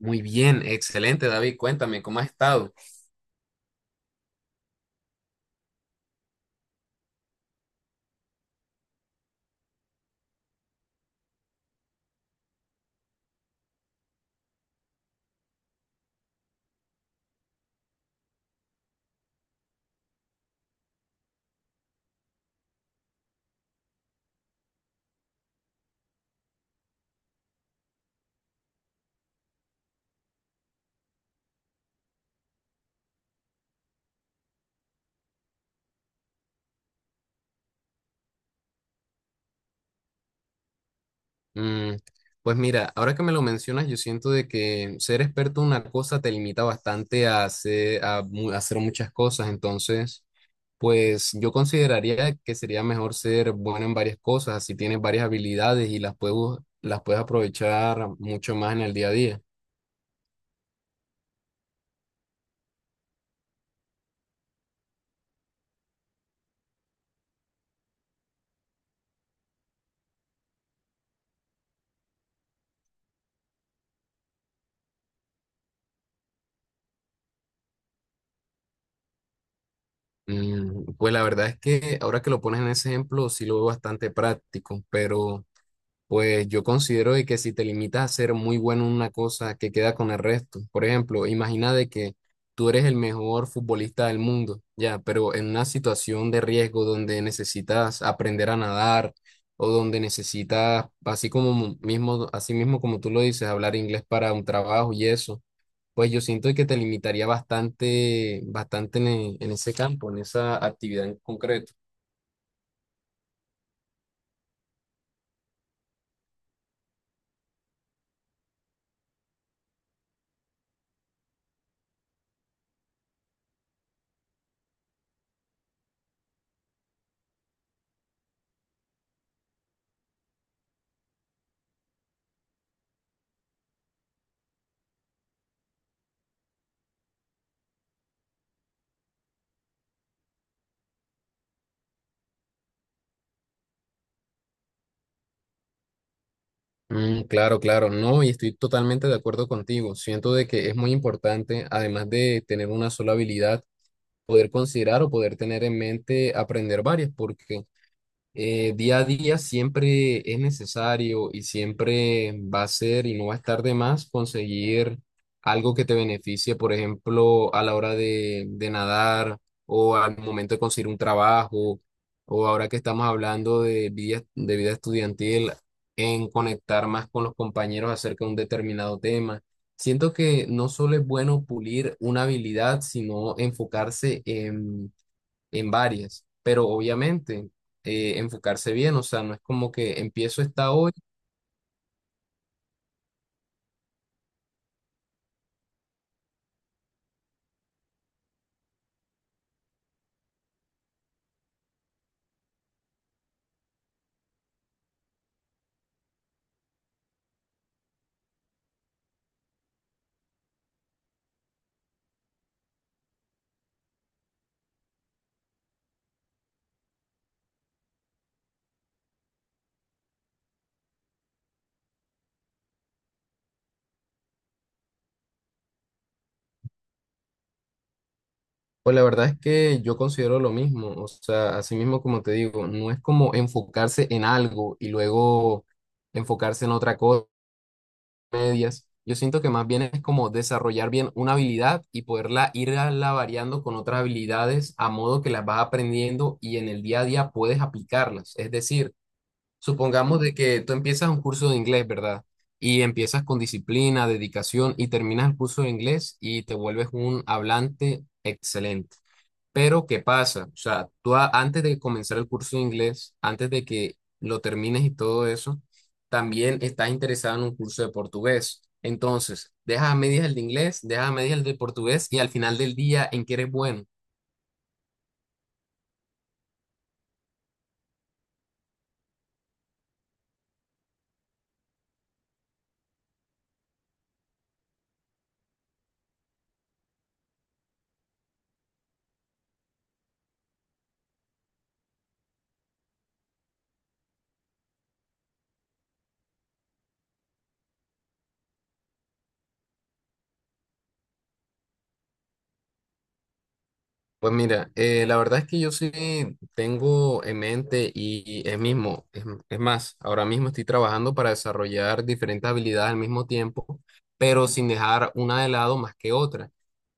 Muy bien, excelente, David. Cuéntame, ¿cómo has estado? Mm, pues mira, ahora que me lo mencionas, yo siento de que ser experto en una cosa te limita bastante a hacer, a hacer muchas cosas. Entonces, pues yo consideraría que sería mejor ser bueno en varias cosas, así tienes varias habilidades y las puedes, las puedes aprovechar mucho más en el día a día. Pues la verdad es que ahora que lo pones en ese ejemplo, sí lo veo bastante práctico, pero... Pues yo considero de que si te limitas a ser muy bueno en una cosa que queda con el resto, por ejemplo, imagina de que tú eres el mejor futbolista del mundo, ya, pero en una situación de riesgo donde necesitas aprender a nadar o donde necesitas, así como mismo, así mismo como tú lo dices, hablar inglés para un trabajo y eso, pues yo siento que te limitaría bastante, bastante en, en ese campo, en esa actividad en concreto. Claro, claro, no, y estoy totalmente de acuerdo contigo. Siento de que es muy importante, además de tener una sola habilidad, poder considerar o poder tener en mente aprender varias, porque día a día siempre es necesario y siempre va a ser y no va a estar de más conseguir algo que te beneficie, por ejemplo, a la hora de nadar o al momento de conseguir un trabajo o ahora que estamos hablando de vida estudiantil, en conectar más con los compañeros acerca de un determinado tema. Siento que no solo es bueno pulir una habilidad, sino enfocarse en varias, pero obviamente enfocarse bien, o sea, no es como que empiezo esta hoy, pues la verdad es que yo considero lo mismo, o sea, así mismo como te digo, no es como enfocarse en algo y luego enfocarse en otra cosa, medias. Yo siento que más bien es como desarrollar bien una habilidad y poderla irla variando con otras habilidades a modo que las vas aprendiendo y en el día a día puedes aplicarlas. Es decir, supongamos de que tú empiezas un curso de inglés, ¿verdad? Y empiezas con disciplina, dedicación y terminas el curso de inglés y te vuelves un hablante excelente. Pero, ¿qué pasa? O sea, antes de comenzar el curso de inglés, antes de que lo termines y todo eso, también estás interesado en un curso de portugués. Entonces, dejas a medias el de inglés, dejas a medias el de portugués y al final del día, ¿en qué eres bueno? Pues mira, la verdad es que yo sí tengo en mente y es mismo, es más, ahora mismo estoy trabajando para desarrollar diferentes habilidades al mismo tiempo, pero sin dejar una de lado más que otra.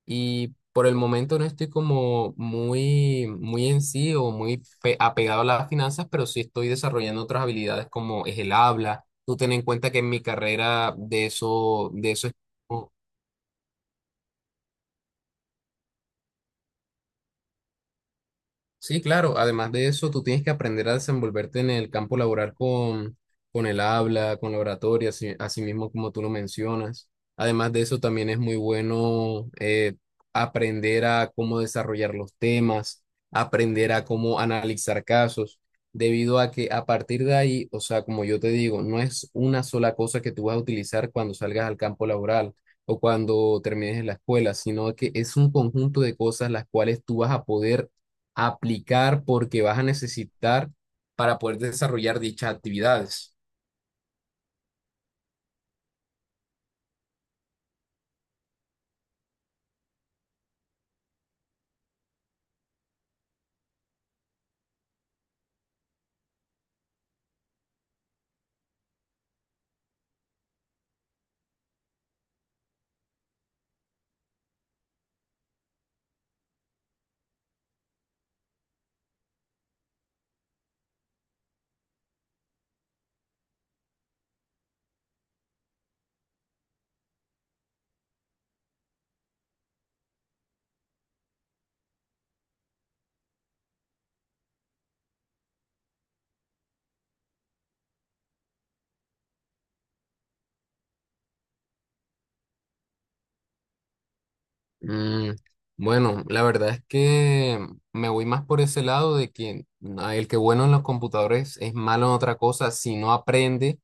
Y por el momento no estoy como muy en sí o muy apegado a las finanzas, pero sí estoy desarrollando otras habilidades como es el habla. Tú ten en cuenta que en mi carrera de eso es... Sí, claro. Además de eso, tú tienes que aprender a desenvolverte en el campo laboral con el habla, con la oratoria, así, así mismo como tú lo mencionas. Además de eso, también es muy bueno, aprender a cómo desarrollar los temas, aprender a cómo analizar casos, debido a que a partir de ahí, o sea, como yo te digo, no es una sola cosa que tú vas a utilizar cuando salgas al campo laboral o cuando termines en la escuela, sino que es un conjunto de cosas las cuales tú vas a poder aplicar porque vas a necesitar para poder desarrollar dichas actividades. Mm, bueno, la verdad es que me voy más por ese lado de que ah, el que bueno en los computadores es malo en otra cosa si no aprende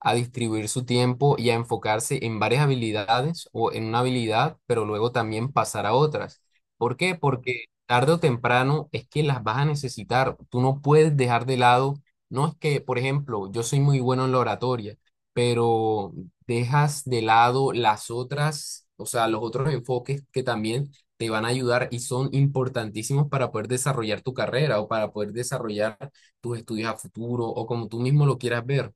a distribuir su tiempo y a enfocarse en varias habilidades o en una habilidad, pero luego también pasar a otras. ¿Por qué? Porque tarde o temprano es que las vas a necesitar. Tú no puedes dejar de lado, no es que, por ejemplo, yo soy muy bueno en la oratoria, pero dejas de lado las otras, o sea, los otros enfoques que también te van a ayudar y son importantísimos para poder desarrollar tu carrera o para poder desarrollar tus estudios a futuro o como tú mismo lo quieras ver.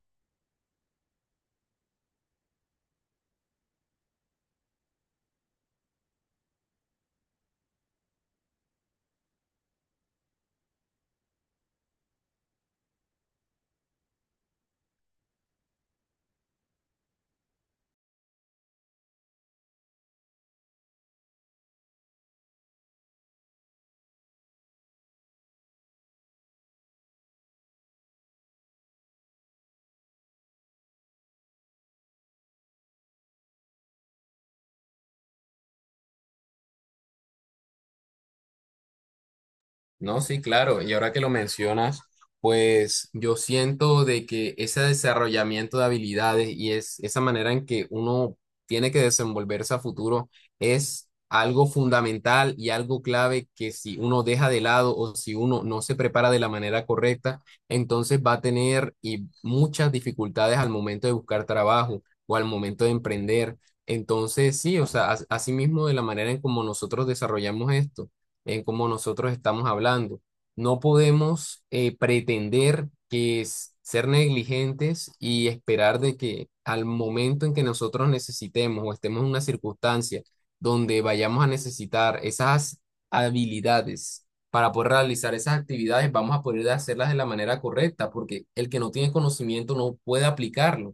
No, sí, claro. Y ahora que lo mencionas, pues yo siento de que ese desarrollamiento de habilidades y es esa manera en que uno tiene que desenvolverse a futuro es algo fundamental y algo clave que si uno deja de lado o si uno no se prepara de la manera correcta, entonces va a tener y muchas dificultades al momento de buscar trabajo o al momento de emprender. Entonces, sí, o sea, asimismo de la manera en como nosotros desarrollamos esto en cómo nosotros estamos hablando. No podemos, pretender que es ser negligentes y esperar de que al momento en que nosotros necesitemos o estemos en una circunstancia donde vayamos a necesitar esas habilidades para poder realizar esas actividades, vamos a poder hacerlas de la manera correcta, porque el que no tiene conocimiento no puede aplicarlo.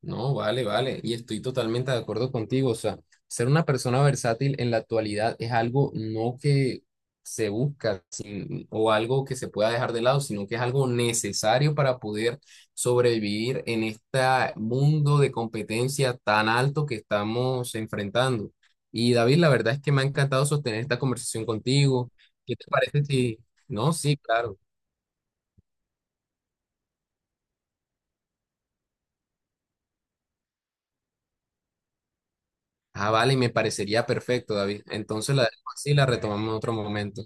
No, vale, vale. Y estoy totalmente de acuerdo contigo. O sea, ser una persona versátil en la actualidad es algo no que se busca o algo que se pueda dejar de lado, sino que es algo necesario para poder sobrevivir en este mundo de competencia tan alto que estamos enfrentando. Y David, la verdad es que me ha encantado sostener esta conversación contigo. ¿Qué te parece si... No, sí, claro. Ah, vale, me parecería perfecto, David. Entonces la dejo así y la retomamos en otro momento.